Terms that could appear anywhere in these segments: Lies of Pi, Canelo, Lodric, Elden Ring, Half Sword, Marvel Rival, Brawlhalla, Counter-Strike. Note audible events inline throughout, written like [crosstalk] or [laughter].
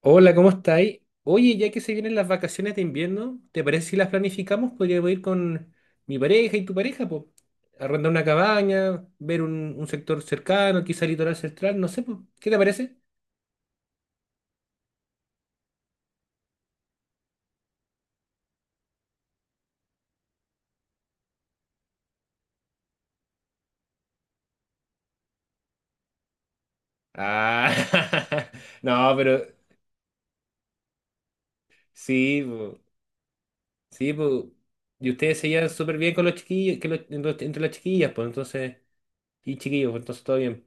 Hola, ¿cómo estáis? Oye, ya que se vienen las vacaciones de invierno, ¿te parece si las planificamos? Podríamos ir con mi pareja y tu pareja, pues, arrendar una cabaña, ver un sector cercano, quizá litoral central, no sé, pues, ¿qué te parece? Ah, [laughs] no, pero sí, po, sí, po. Y ustedes se llevan súper bien con los chiquillos, que entre las chiquillas, pues entonces, y chiquillos, pues, entonces todo bien.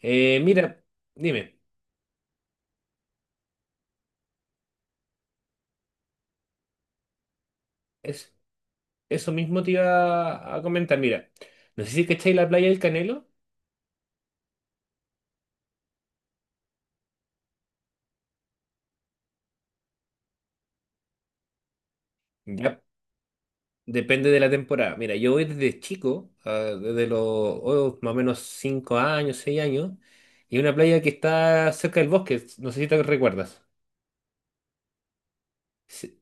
Mira, dime, es. Eso mismo te iba a comentar. Mira, no sé si cacháis la playa del Canelo. Ya. Depende de la temporada. Mira, yo voy desde chico, desde los más o menos 5 años, 6 años, y una playa que está cerca del bosque. No sé si te recuerdas. Sí.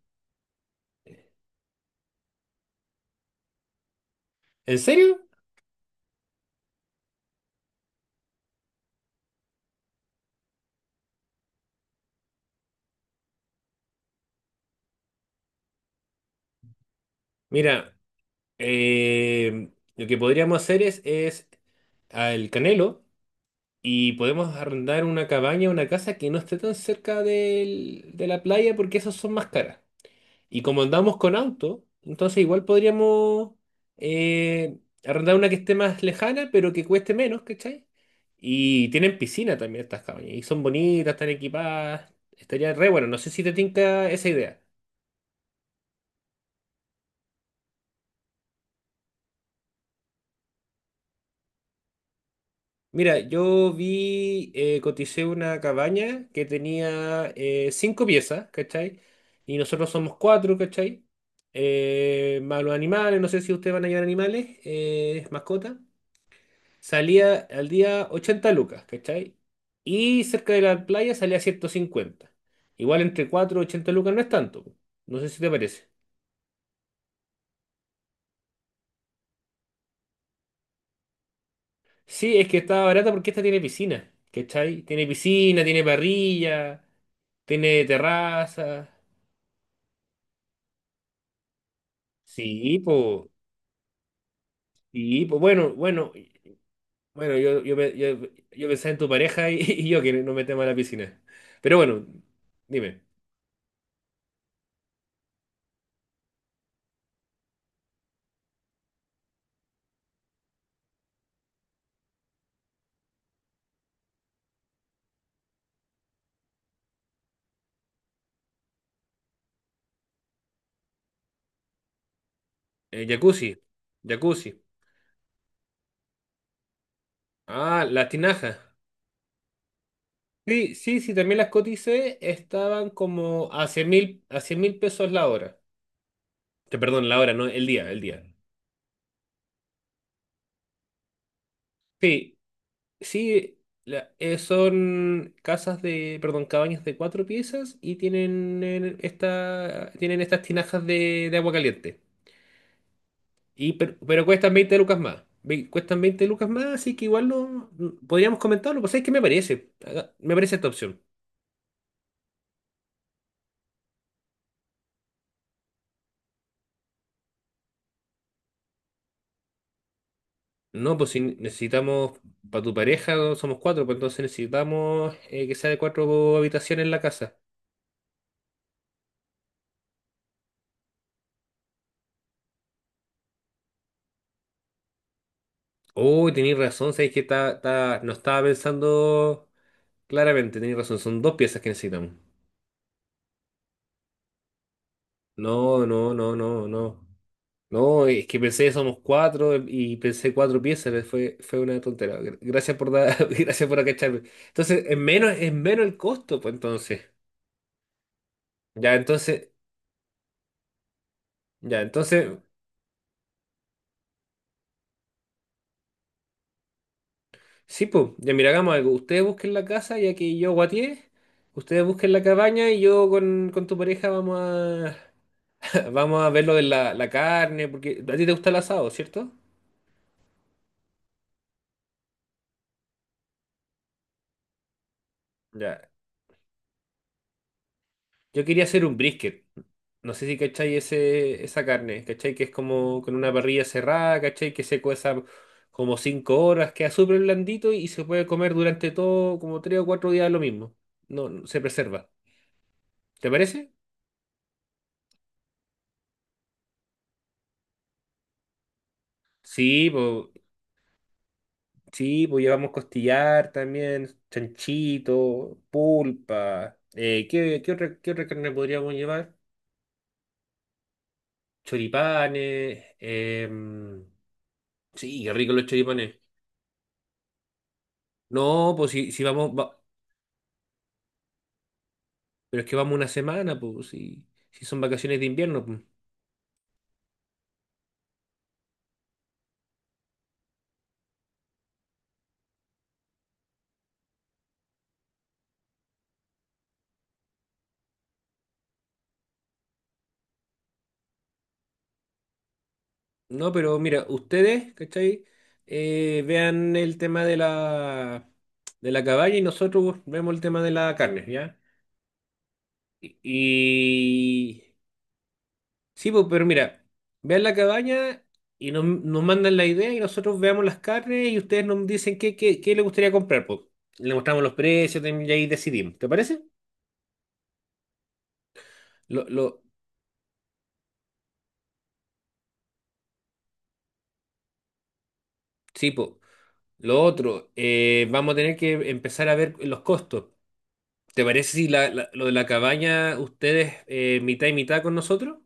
¿En serio? Mira, eh, lo que podríamos hacer es al Canelo y podemos arrendar una cabaña, una casa que no esté tan cerca de la playa porque esas son más caras. Y como andamos con auto, entonces igual podríamos eh, arrendar una que esté más lejana, pero que cueste menos, ¿cachai? Y tienen piscina también estas cabañas. Y son bonitas, están equipadas. Estaría re bueno. No sé si te tinca esa idea. Mira, yo vi, coticé una cabaña que tenía cinco piezas, ¿cachai? Y nosotros somos cuatro, ¿cachai? Más los animales, no sé si ustedes van a llevar animales, mascotas. Salía al día 80 lucas, ¿cachai? Y cerca de la playa salía 150. Igual entre 4 y 80 lucas no es tanto. No sé si te parece. Sí, es que está barata porque esta tiene piscina, ¿cachai? Tiene piscina, tiene parrilla, tiene terraza. Sí, pues, sí, po. Bueno, bueno, bueno, yo pensaba en tu pareja y, [laughs] y yo que no me tema a la piscina. Pero bueno, dime, jacuzzi, jacuzzi. Ah, las tinajas. Sí, sí, sí, también las coticé, estaban como a 100.000, a 100.000 pesos la hora. Te perdón, la hora, no, el día. Sí, sí, son casas de, perdón, cabañas de cuatro piezas y tienen tienen estas tinajas de agua caliente. Y, pero, cuestan 20 lucas más. Cuestan 20 lucas más, así que igual no, podríamos comentarlo, pues es que me parece, me parece esta opción. No, pues si necesitamos, para tu pareja somos cuatro, pues entonces necesitamos que sea de cuatro habitaciones en la casa. Oh, tenéis razón, sabéis que no estaba pensando claramente, tenéis razón, son dos piezas que necesitamos. No, no, no, no, no. No, es que pensé que somos cuatro y pensé cuatro piezas, fue una tontera. Gracias por dar, [laughs] gracias por acacharme. Entonces, es menos el costo, pues entonces. Ya, entonces, ya, entonces. Sí, pues, ya mira, hagamos algo. Ustedes busquen la casa, ya que yo guateé. Ustedes busquen la cabaña y yo con tu pareja vamos a, [laughs] vamos a ver lo de la carne, porque a ti te gusta el asado, ¿cierto? Ya. Yo quería hacer un brisket. No sé si cachai esa carne, cachai que es como con una parrilla cerrada, cachai que se cueza como 5 horas, queda súper blandito y se puede comer durante todo como 3 o 4 días lo mismo. No, se preserva. ¿Te parece? Sí, pues. Sí, pues llevamos costillar también, chanchito, pulpa. ¿Qué otra carne podríamos llevar? Choripanes. Sí, qué rico los choripanes. No, pues si, pero es que vamos una semana, pues si son vacaciones de invierno. Pues. No, pero mira, ustedes, ¿cachai? Vean el tema de la caballa y nosotros vemos el tema de la carne, ¿ya? Y, Sí, pues, pero mira, vean la cabaña y nos mandan la idea y nosotros veamos las carnes y ustedes nos dicen qué les gustaría comprar, pues. Le mostramos los precios también y ahí decidimos, ¿te parece? Lo, lo, sí, pues. Lo otro, vamos a tener que empezar a ver los costos. ¿Te parece si lo de la cabaña ustedes mitad y mitad con nosotros?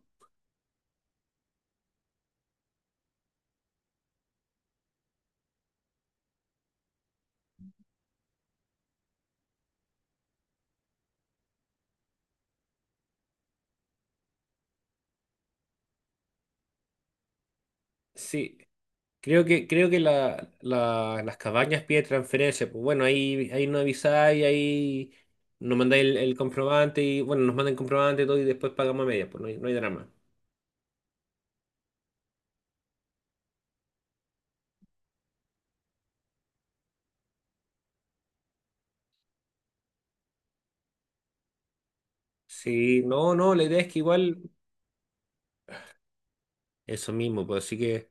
Sí. Creo que las cabañas piden transferencia. Pues bueno, ahí no avisáis, ahí nos mandáis el comprobante y bueno, nos mandan el comprobante y todo y después pagamos a medias, pues no hay drama. Sí, no, no, la idea es que igual. Eso mismo, pues así que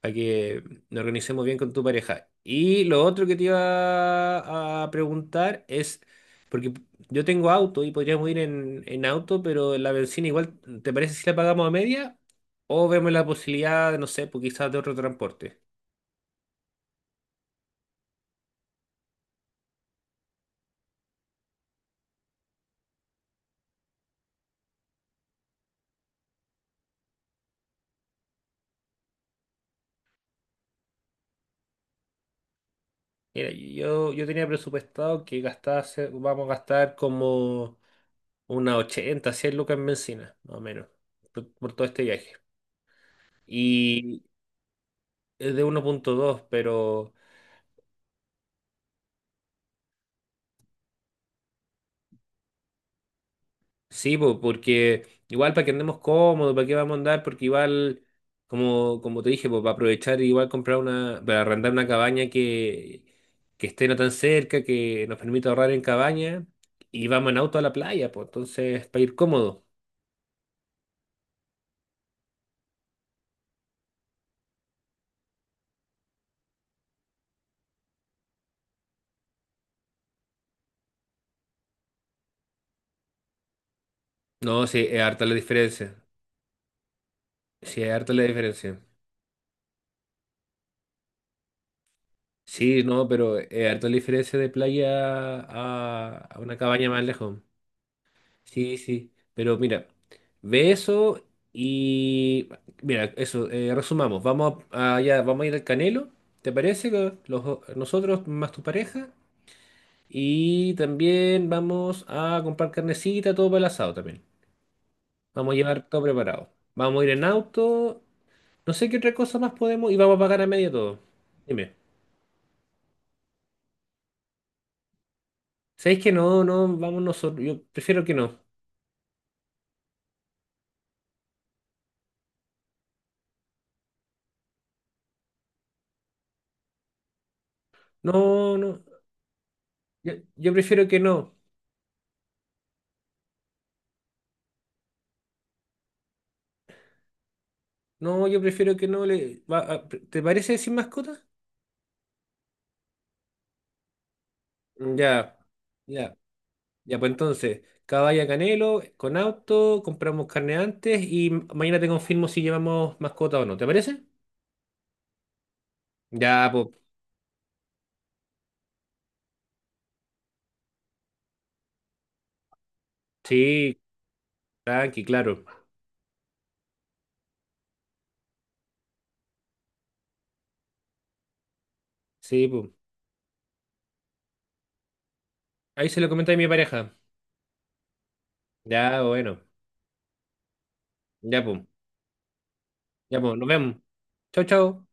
para que nos organicemos bien con tu pareja. Y lo otro que te iba a preguntar es, porque yo tengo auto y podríamos ir en auto, pero la bencina igual, ¿te parece si la pagamos a media? ¿O vemos la posibilidad, de, no sé, pues quizás de otro transporte? Mira, yo tenía presupuestado que gastase, vamos a gastar como unas 80 100 lucas en bencina, más o menos, por todo este viaje. Y es de 1.2 pero... Sí, po, porque igual para que andemos cómodos, para qué vamos a andar, porque igual, como te dije, pues para aprovechar, igual para arrendar una cabaña que esté no tan cerca, que nos permita ahorrar en cabaña, y vamos en auto a la playa, pues entonces para ir cómodo. No, sí, es harta la diferencia. Sí, es harta la diferencia. Sí, no, pero es harta la diferencia de playa a una cabaña más lejos. Sí, sí, pero mira, ve eso y mira, eso, resumamos, ya, vamos a ir al Canelo, ¿te parece? Nosotros más tu pareja y también vamos a comprar carnecita, todo para el asado también. Vamos a llevar todo preparado. Vamos a ir en auto, no sé qué otra cosa más podemos y vamos a pagar a media todo. Dime, ¿sabéis que no, no, vamos nosotros? Yo prefiero que no. No, no, yo prefiero que no. No, yo prefiero que no le. ¿Te parece sin mascota? Ya, ya, ya, pues entonces, caballa Canelo, con auto, compramos carne antes y mañana te confirmo si llevamos mascota o no, ¿te parece? Ya, pues, sí, tranqui, claro. Sí, pues. Ahí se lo comenté a mi pareja. Ya, bueno. Ya, pues. Ya, pues, nos vemos. Chao, chao.